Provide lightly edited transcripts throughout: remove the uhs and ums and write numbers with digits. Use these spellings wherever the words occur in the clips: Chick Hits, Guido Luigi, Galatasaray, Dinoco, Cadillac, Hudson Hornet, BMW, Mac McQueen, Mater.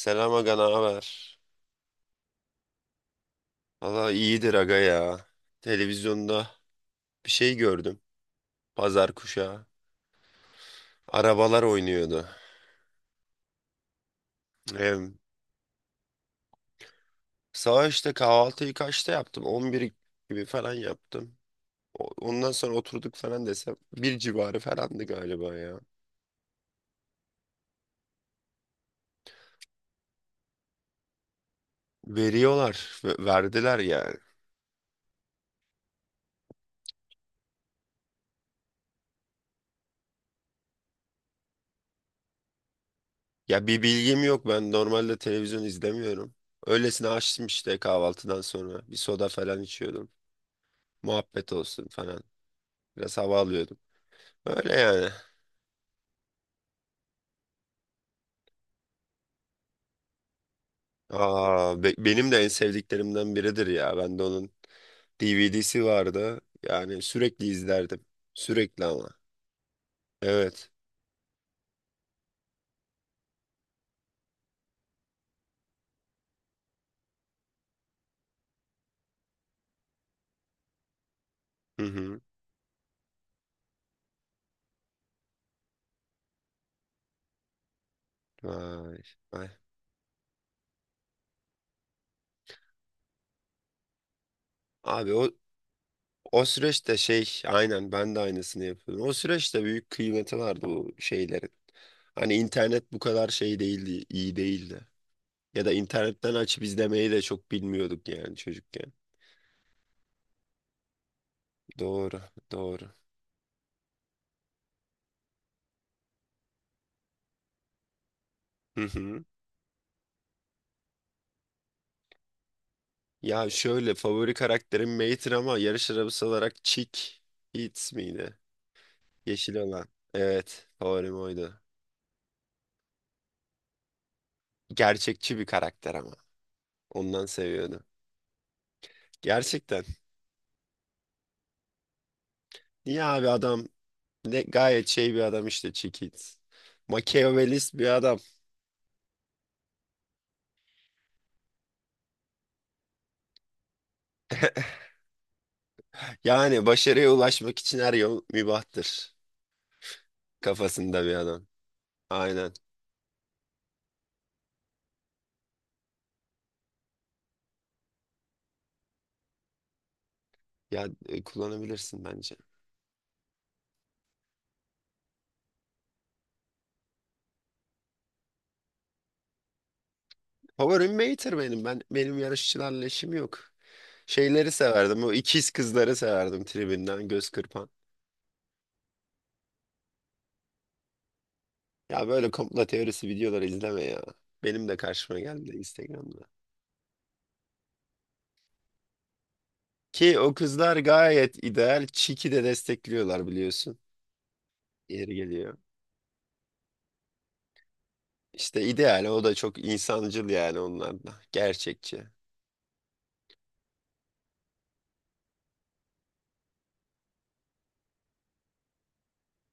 Selam aga, ne haber? Valla iyidir aga ya. Televizyonda bir şey gördüm. Pazar kuşağı. Arabalar oynuyordu. Em, Sabah işte kahvaltıyı kaçta yaptım? 11 gibi falan yaptım. Ondan sonra oturduk falan desem. Bir civarı falandı galiba ya. Veriyorlar. Verdiler yani. Ya bir bilgim yok. Ben normalde televizyon izlemiyorum. Öylesine açtım işte kahvaltıdan sonra. Bir soda falan içiyordum. Muhabbet olsun falan. Biraz hava alıyordum. Öyle yani. Aa, benim de en sevdiklerimden biridir ya. Ben de onun DVD'si vardı. Yani sürekli izlerdim. Sürekli ama. Evet. Hı hı. Vay, vay. Abi o süreçte şey aynen ben de aynısını yapıyordum. O süreçte büyük kıymeti vardı bu şeylerin. Hani internet bu kadar şey değildi, iyi değildi. Ya da internetten açıp izlemeyi de çok bilmiyorduk yani çocukken. Doğru, doğru. Hı hı. Ya şöyle favori karakterim Mater ama yarış arabası olarak Chick Hits miydi? Yeşil olan. Evet favorim oydu. Gerçekçi bir karakter ama. Ondan seviyordum. Gerçekten. Niye abi adam ne gayet şey bir adam işte Chick Hits. Machiavellist bir adam. Yani başarıya ulaşmak için her yol mübahtır. Kafasında bir adam. Aynen. Kullanabilirsin bence. Favorim Mater benim. Ben benim yarışçılarla işim yok. Şeyleri severdim. O ikiz kızları severdim tribünden göz kırpan. Ya böyle komplo teorisi videoları izleme ya. Benim de karşıma geldi Instagram'da. Ki o kızlar gayet ideal. Çiki de destekliyorlar biliyorsun. Yeri geliyor. İşte ideal o da çok insancıl yani onlar da. Gerçekçi.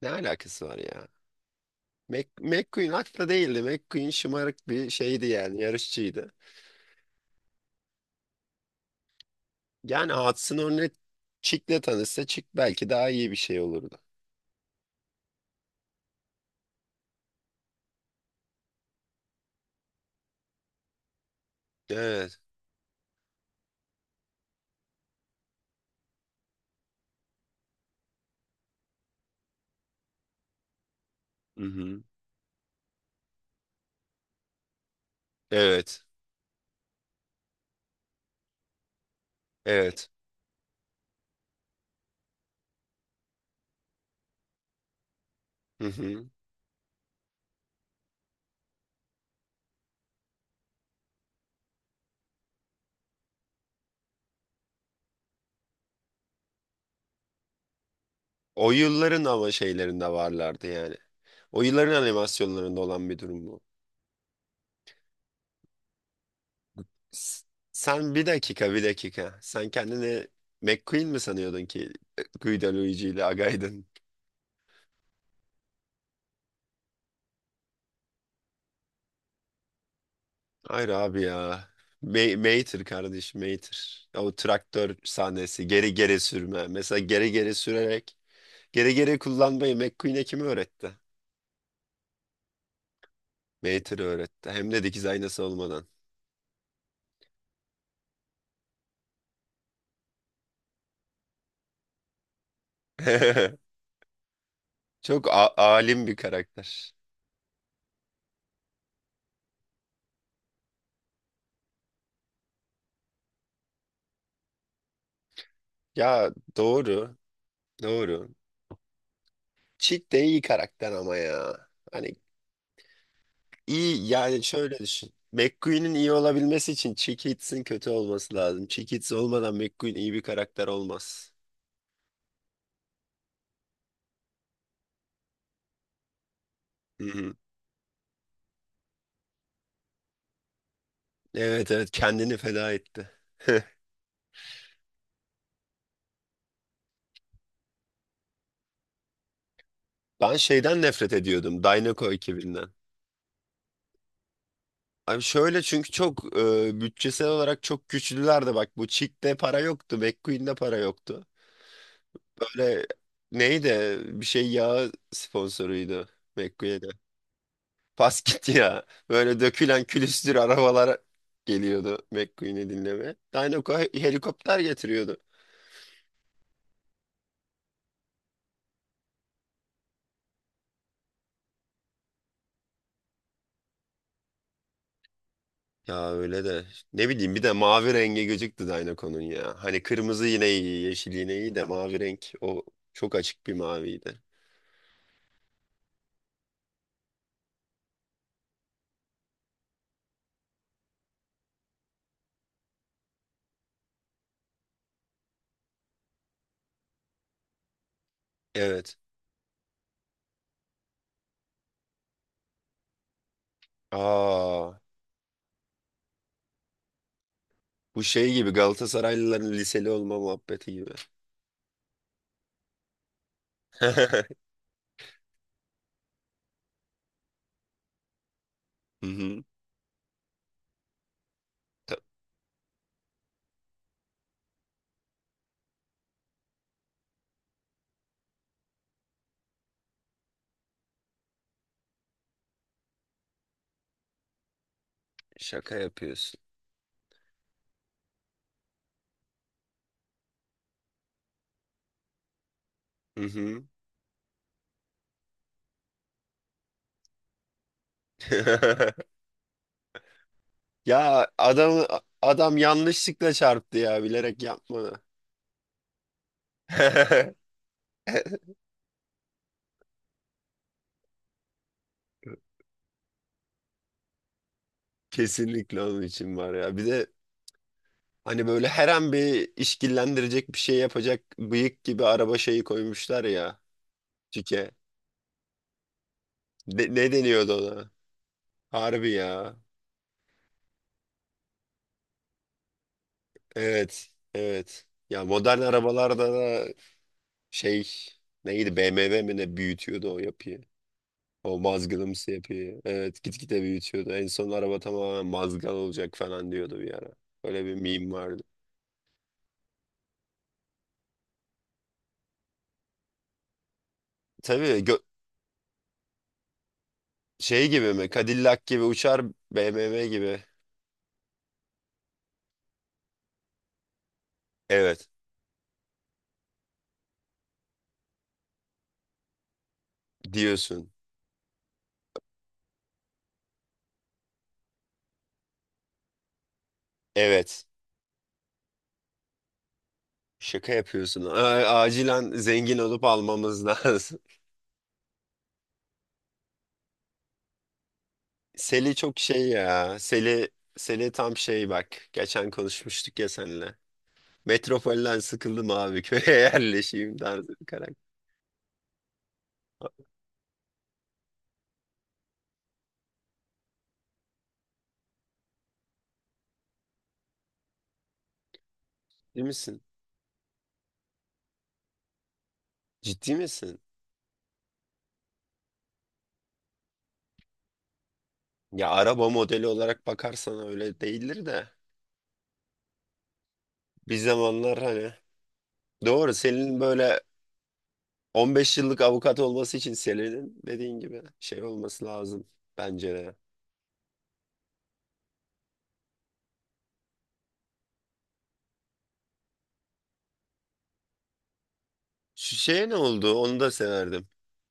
Ne alakası var ya? McQueen haklı değildi. McQueen şımarık bir şeydi yani yarışçıydı. Yani Hudson Hornet Chick'le tanışsa Chick belki daha iyi bir şey olurdu. Evet. Hı hı. Evet. Evet. Hı hı. O yılların ama şeylerinde varlardı yani. O yılların animasyonlarında olan bir durum bu. S- Sen bir dakika bir dakika. Sen kendini McQueen mi sanıyordun ki Guido Luigi ile Agaydın? Hayır abi ya. Mater kardeş Mater. O traktör sahnesi geri geri sürme. Mesela geri geri sürerek geri geri kullanmayı McQueen'e kim öğretti? Mater öğretti. Hem de dikiz aynası olmadan. Çok alim bir karakter. Ya doğru, doğru. Cheat de iyi karakter ama ya. Hani iyi yani şöyle düşün. McQueen'in iyi olabilmesi için Cheekitz'in kötü olması lazım. Cheekitz olmadan McQueen iyi bir karakter olmaz. Hı hı. Evet, evet, kendini feda etti. Ben şeyden nefret ediyordum Dynaco ekibinden. Abi şöyle çünkü çok bütçesel olarak çok güçlülerdi bak bu Chick'te para yoktu, McQueen'de para yoktu. Böyle neydi bir şey yağı sponsoruydu McQueen'e. Pas gitti ya. Böyle dökülen külüstür arabalar geliyordu McQueen'i dinleme. Dinoco helikopter getiriyordu. Ya öyle de ne bileyim bir de mavi rengi gözüktü Dinoco'nun ya. Hani kırmızı yine iyi, yeşil yine iyi de mavi renk o çok açık bir maviydi. Evet. Aa, bu şey gibi Galatasaraylıların liseli olma muhabbeti gibi. Hı hı. Ta- Şaka yapıyorsun. Hı hı. Ya adam adam yanlışlıkla çarptı ya bilerek yapmadı. Kesinlikle onun için var ya. Bir de hani böyle her an bir işkillendirecek bir şey yapacak bıyık gibi araba şeyi koymuşlar ya. Cike. Ne, ne deniyordu ona? Harbi ya. Evet. Evet. Ya modern arabalarda da şey neydi BMW mi ne büyütüyordu o yapıyı. O mazgalımsı yapıyı. Evet gitgide büyütüyordu. En son araba tamamen mazgal olacak falan diyordu bir ara. Öyle bir meme vardı. Tabii gö- Şey gibi mi? Cadillac gibi uçar BMW gibi. Evet diyorsun. Evet. Şaka yapıyorsun. Acilen zengin olup almamız lazım. Seli çok şey ya. Seli tam şey bak. Geçen konuşmuştuk ya seninle. Metropolden sıkıldım abi köye yerleşeyim tarzı bir karakter. Ciddi misin? Ciddi misin? Ya araba modeli olarak bakarsan öyle değildir de. Bir zamanlar hani doğru senin böyle 15 yıllık avukat olması için senin dediğin gibi şey olması lazım bence de. Şu şeye ne oldu? Onu da severdim.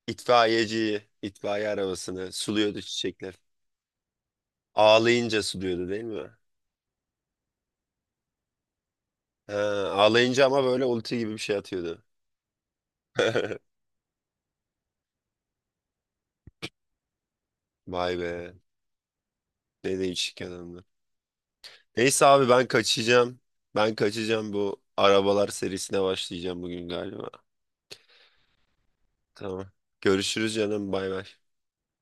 İtfaiyeciyi, itfaiye arabasını suluyordu çiçekler. Ağlayınca suluyordu değil mi? Ha, ağlayınca ama böyle ulti gibi bir şey atıyordu. Vay be. Ne değişik adamlar. Neyse abi ben kaçacağım. Ben kaçacağım bu arabalar serisine başlayacağım bugün galiba. Tamam. Görüşürüz canım bay bay.